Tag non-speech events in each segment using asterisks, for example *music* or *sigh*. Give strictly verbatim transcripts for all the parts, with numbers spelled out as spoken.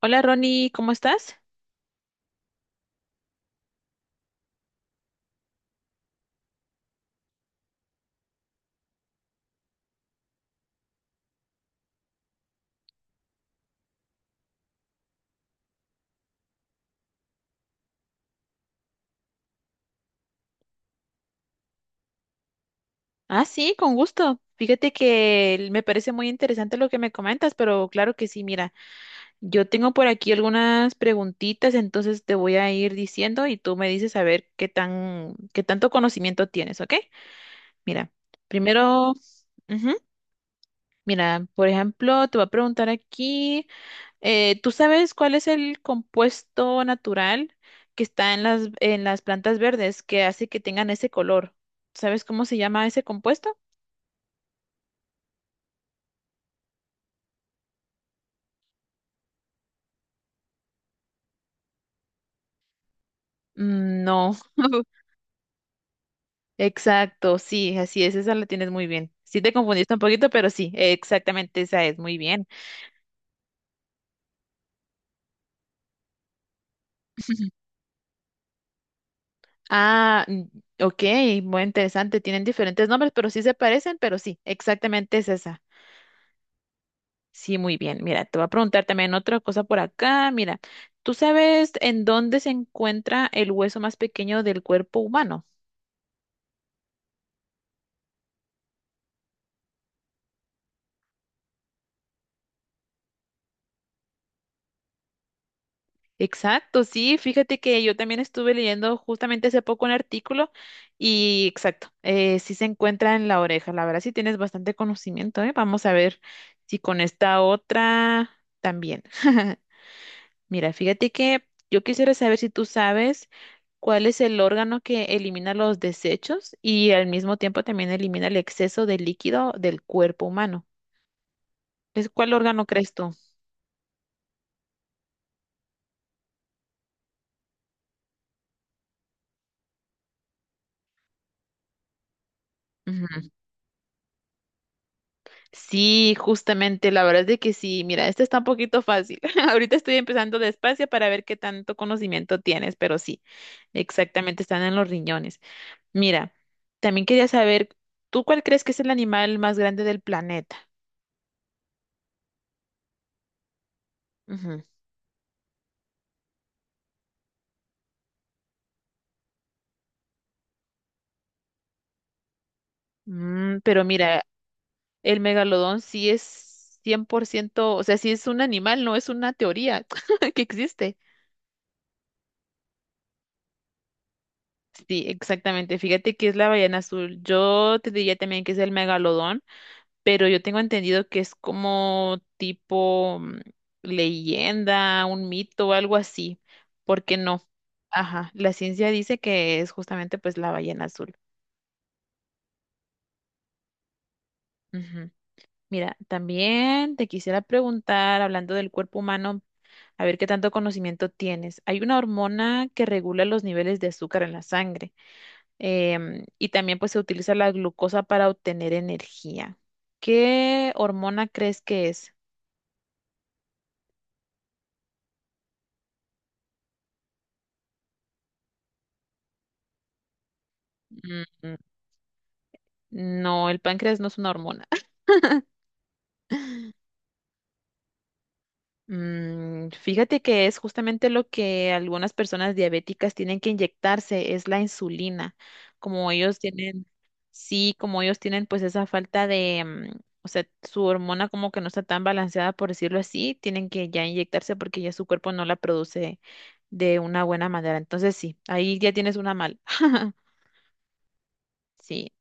Hola Ronnie, ¿cómo estás? Ah, sí, con gusto. Fíjate que el- me parece muy interesante lo que me comentas, pero claro que sí, mira, yo tengo por aquí algunas preguntitas, entonces te voy a ir diciendo y tú me dices a ver qué tan, qué tanto conocimiento tienes, ¿ok? Mira, primero, ujú, mira, por ejemplo, te voy a preguntar aquí, eh, ¿tú sabes cuál es el compuesto natural que está en las, en las plantas verdes que hace que tengan ese color? ¿Sabes cómo se llama ese compuesto? Mm, no, *laughs* exacto, sí, así es, esa la tienes muy bien. Sí te confundiste un poquito, pero sí, exactamente esa es, muy bien. Ah, mm, ok, muy interesante, tienen diferentes nombres, pero sí se parecen, pero sí, exactamente es esa. Sí, muy bien. Mira, te voy a preguntar también otra cosa por acá. Mira, ¿tú sabes en dónde se encuentra el hueso más pequeño del cuerpo humano? Exacto, sí, fíjate que yo también estuve leyendo justamente hace poco un artículo y exacto, eh, sí se encuentra en la oreja, la verdad sí tienes bastante conocimiento, ¿eh? Vamos a ver si con esta otra también. *laughs* Mira, fíjate que yo quisiera saber si tú sabes cuál es el órgano que elimina los desechos y al mismo tiempo también elimina el exceso de líquido del cuerpo humano. ¿Es cuál órgano crees tú? Sí, justamente, la verdad es de que sí. Mira, esta está un poquito fácil. *laughs* Ahorita estoy empezando despacio para ver qué tanto conocimiento tienes, pero sí, exactamente, están en los riñones. Mira, también quería saber, ¿tú cuál crees que es el animal más grande del planeta? Ujú. Mm, pero mira, el megalodón sí es cien por ciento, o sea, sí es un animal, no es una teoría *laughs* que existe. Sí, exactamente. Fíjate que es la ballena azul. Yo te diría también que es el megalodón. Pero yo tengo entendido que es como tipo mm, leyenda, un mito o algo así, porque no. Ajá, la ciencia dice que es justamente pues la ballena azul. Ujú. Mira, también te quisiera preguntar, hablando del cuerpo humano, a ver qué tanto conocimiento tienes. Hay una hormona que regula los niveles de azúcar en la sangre em, y también pues se utiliza la glucosa para obtener energía. ¿Qué hormona crees que es? No, el páncreas no es una hormona. Mm, fíjate que es justamente lo que algunas personas diabéticas tienen que inyectarse, es la insulina. Como ellos tienen, sí, como ellos tienen pues esa falta de, mm, o sea, su hormona como que no está tan balanceada, por decirlo así, tienen que ya inyectarse porque ya su cuerpo no la produce de una buena manera. Entonces sí, ahí ya tienes una mal. *laughs* Sí.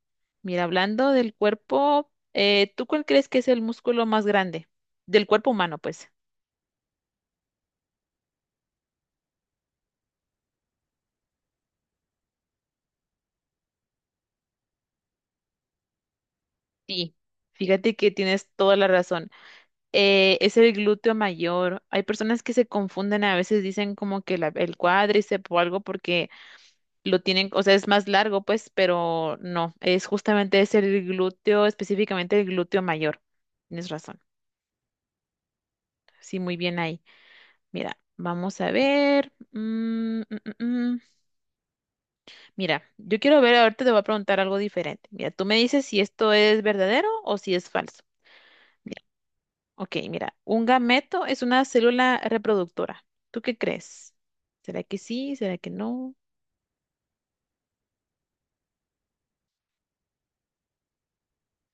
Mira, hablando del cuerpo, eh, ¿tú cuál crees que es el músculo más grande? Del cuerpo humano, pues. Sí. Fíjate que tienes toda la razón. Eh, es el glúteo mayor. Hay personas que se confunden, a veces dicen como que la- el cuádriceps o algo porque lo tienen, o sea, es más largo, pues, pero no, es justamente es el glúteo, específicamente el glúteo mayor. Tienes razón. Sí, muy bien ahí. Mira, vamos a ver. Mm, mm, mm, mm. Mira, yo quiero ver, ahorita te voy a preguntar algo diferente. Mira, tú me dices si esto es verdadero o si es falso. Mira, ok, mira, un gameto es una célula reproductora. ¿Tú qué crees? ¿Será que sí? ¿Será que no?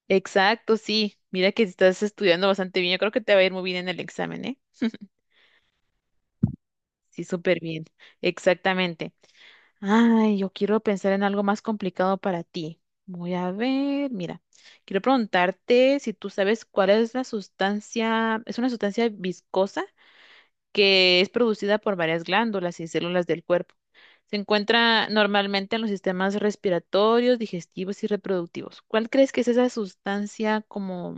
Exacto, sí. Mira que estás estudiando bastante bien. Yo creo que te va a ir muy bien en el examen, ¿eh? Sí, súper bien. Exactamente. Ay, yo quiero pensar en algo más complicado para ti. Voy a ver, mira, quiero preguntarte si tú sabes cuál es la sustancia, es una sustancia viscosa que es producida por varias glándulas y células del cuerpo. Se encuentra normalmente en los sistemas respiratorios, digestivos y reproductivos. ¿Cuál crees que es esa sustancia como,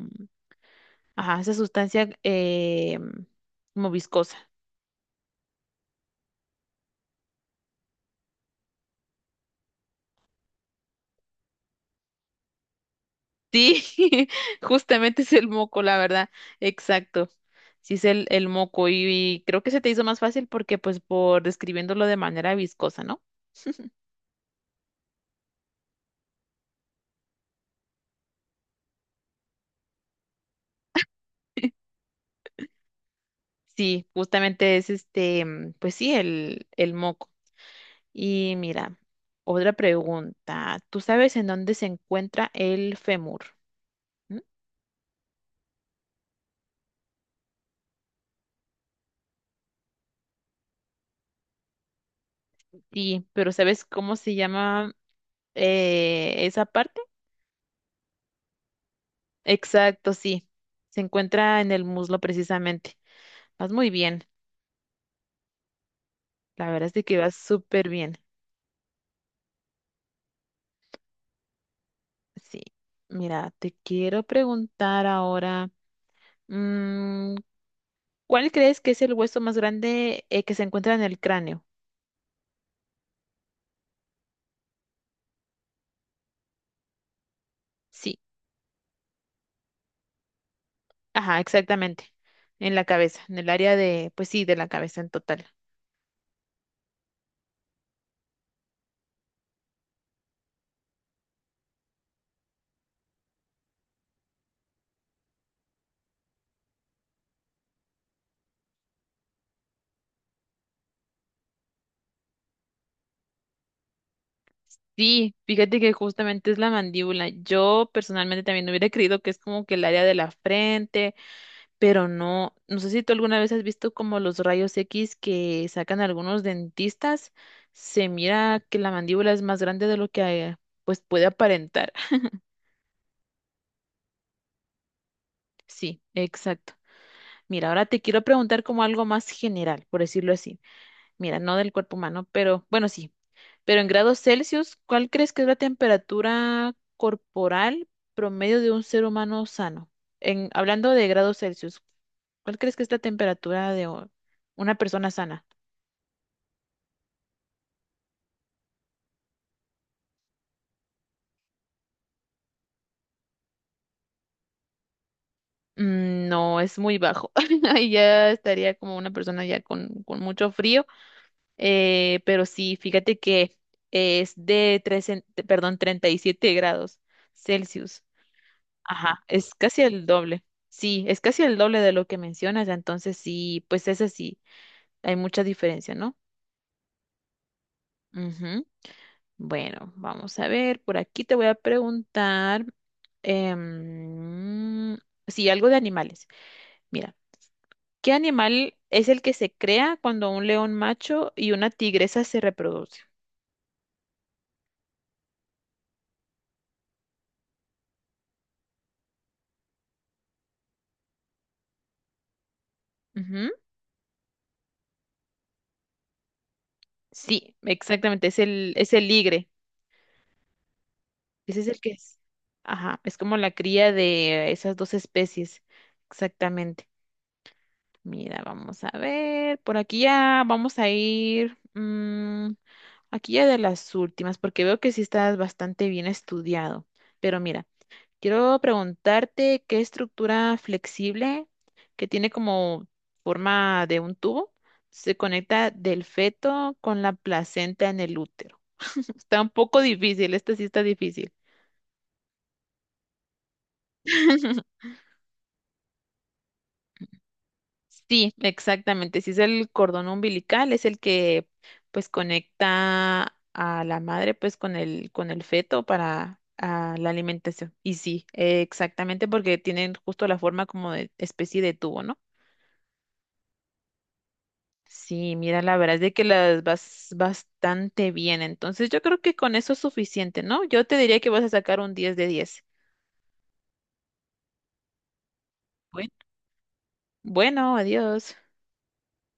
ajá, esa sustancia eh, como viscosa? Sí, *laughs* justamente es el moco, la verdad. Exacto. Sí es el, el moco y, y creo que se te hizo más fácil porque pues por describiéndolo de manera viscosa, ¿no? Sí, justamente es este, mm, pues sí, el, el moco. Y mira, otra pregunta. ¿Tú sabes en dónde se encuentra el fémur? ¿Mm? Sí, pero ¿sabes cómo se llama eh, esa parte? Exacto, sí. Se encuentra en el muslo precisamente. Vas muy bien. La verdad es de que vas súper bien. Sí. Mira, te quiero preguntar ahora, mm, ¿cuál crees que es el hueso más grande eh, que se encuentra en el cráneo? Sí, ajá, exactamente. En la cabeza, en el área de, pues sí, de la cabeza en total. Sí, fíjate que justamente es la mandíbula. Yo personalmente también hubiera creído que es como que el área de la frente, pero no, no sé si tú alguna vez has visto como los rayos X que sacan algunos dentistas, se mira que la mandíbula es más grande de lo que eh, pues puede aparentar. *laughs* Sí, exacto. Mira, ahora te quiero preguntar como algo más general, por decirlo así. Mira, no del cuerpo humano, pero bueno, sí. Pero en grados Celsius, ¿cuál crees que es la temperatura corporal promedio de un ser humano sano? En, hablando de grados Celsius, ¿cuál crees que es la temperatura de o- una persona sana? Mm, no, es muy bajo. *laughs* Ahí ya estaría como una persona ya con, con mucho frío. Eh, pero sí, fíjate que es de tres, en- de- perdón, treinta y siete grados Celsius. Ajá, es casi el doble. Sí, es casi el doble de lo que mencionas. Entonces sí, pues es así. Hay mucha diferencia, ¿no? Ujú. Bueno, vamos a ver. Por aquí te voy a preguntar em, sí, algo de animales. Mira. ¿Qué animal es el que se crea cuando un león macho y una tigresa se reproducen? Ujú. Sí, exactamente, es el, es el ligre. Ese es el que es. Ajá, es como la cría de esas dos especies. Exactamente. Mira, vamos a ver. Por aquí ya vamos a ir. Mm, aquí ya de las últimas, porque veo que sí estás bastante bien estudiado. Pero mira, quiero preguntarte qué estructura flexible que tiene como forma de un tubo se conecta del feto con la placenta en el útero. *laughs* Está un poco difícil, esta sí está difícil. *laughs* Sí, exactamente. Si es el cordón umbilical, es el que pues conecta a la madre pues con el con el feto para ah, la alimentación. Y sí, eh, exactamente porque tienen justo la forma como de especie de tubo, ¿no? Sí, mira, la verdad es de que las vas bastante bien. Entonces, yo creo que con eso es suficiente, ¿no? Yo te diría que vas a sacar un diez de diez. Bueno, bueno, adiós.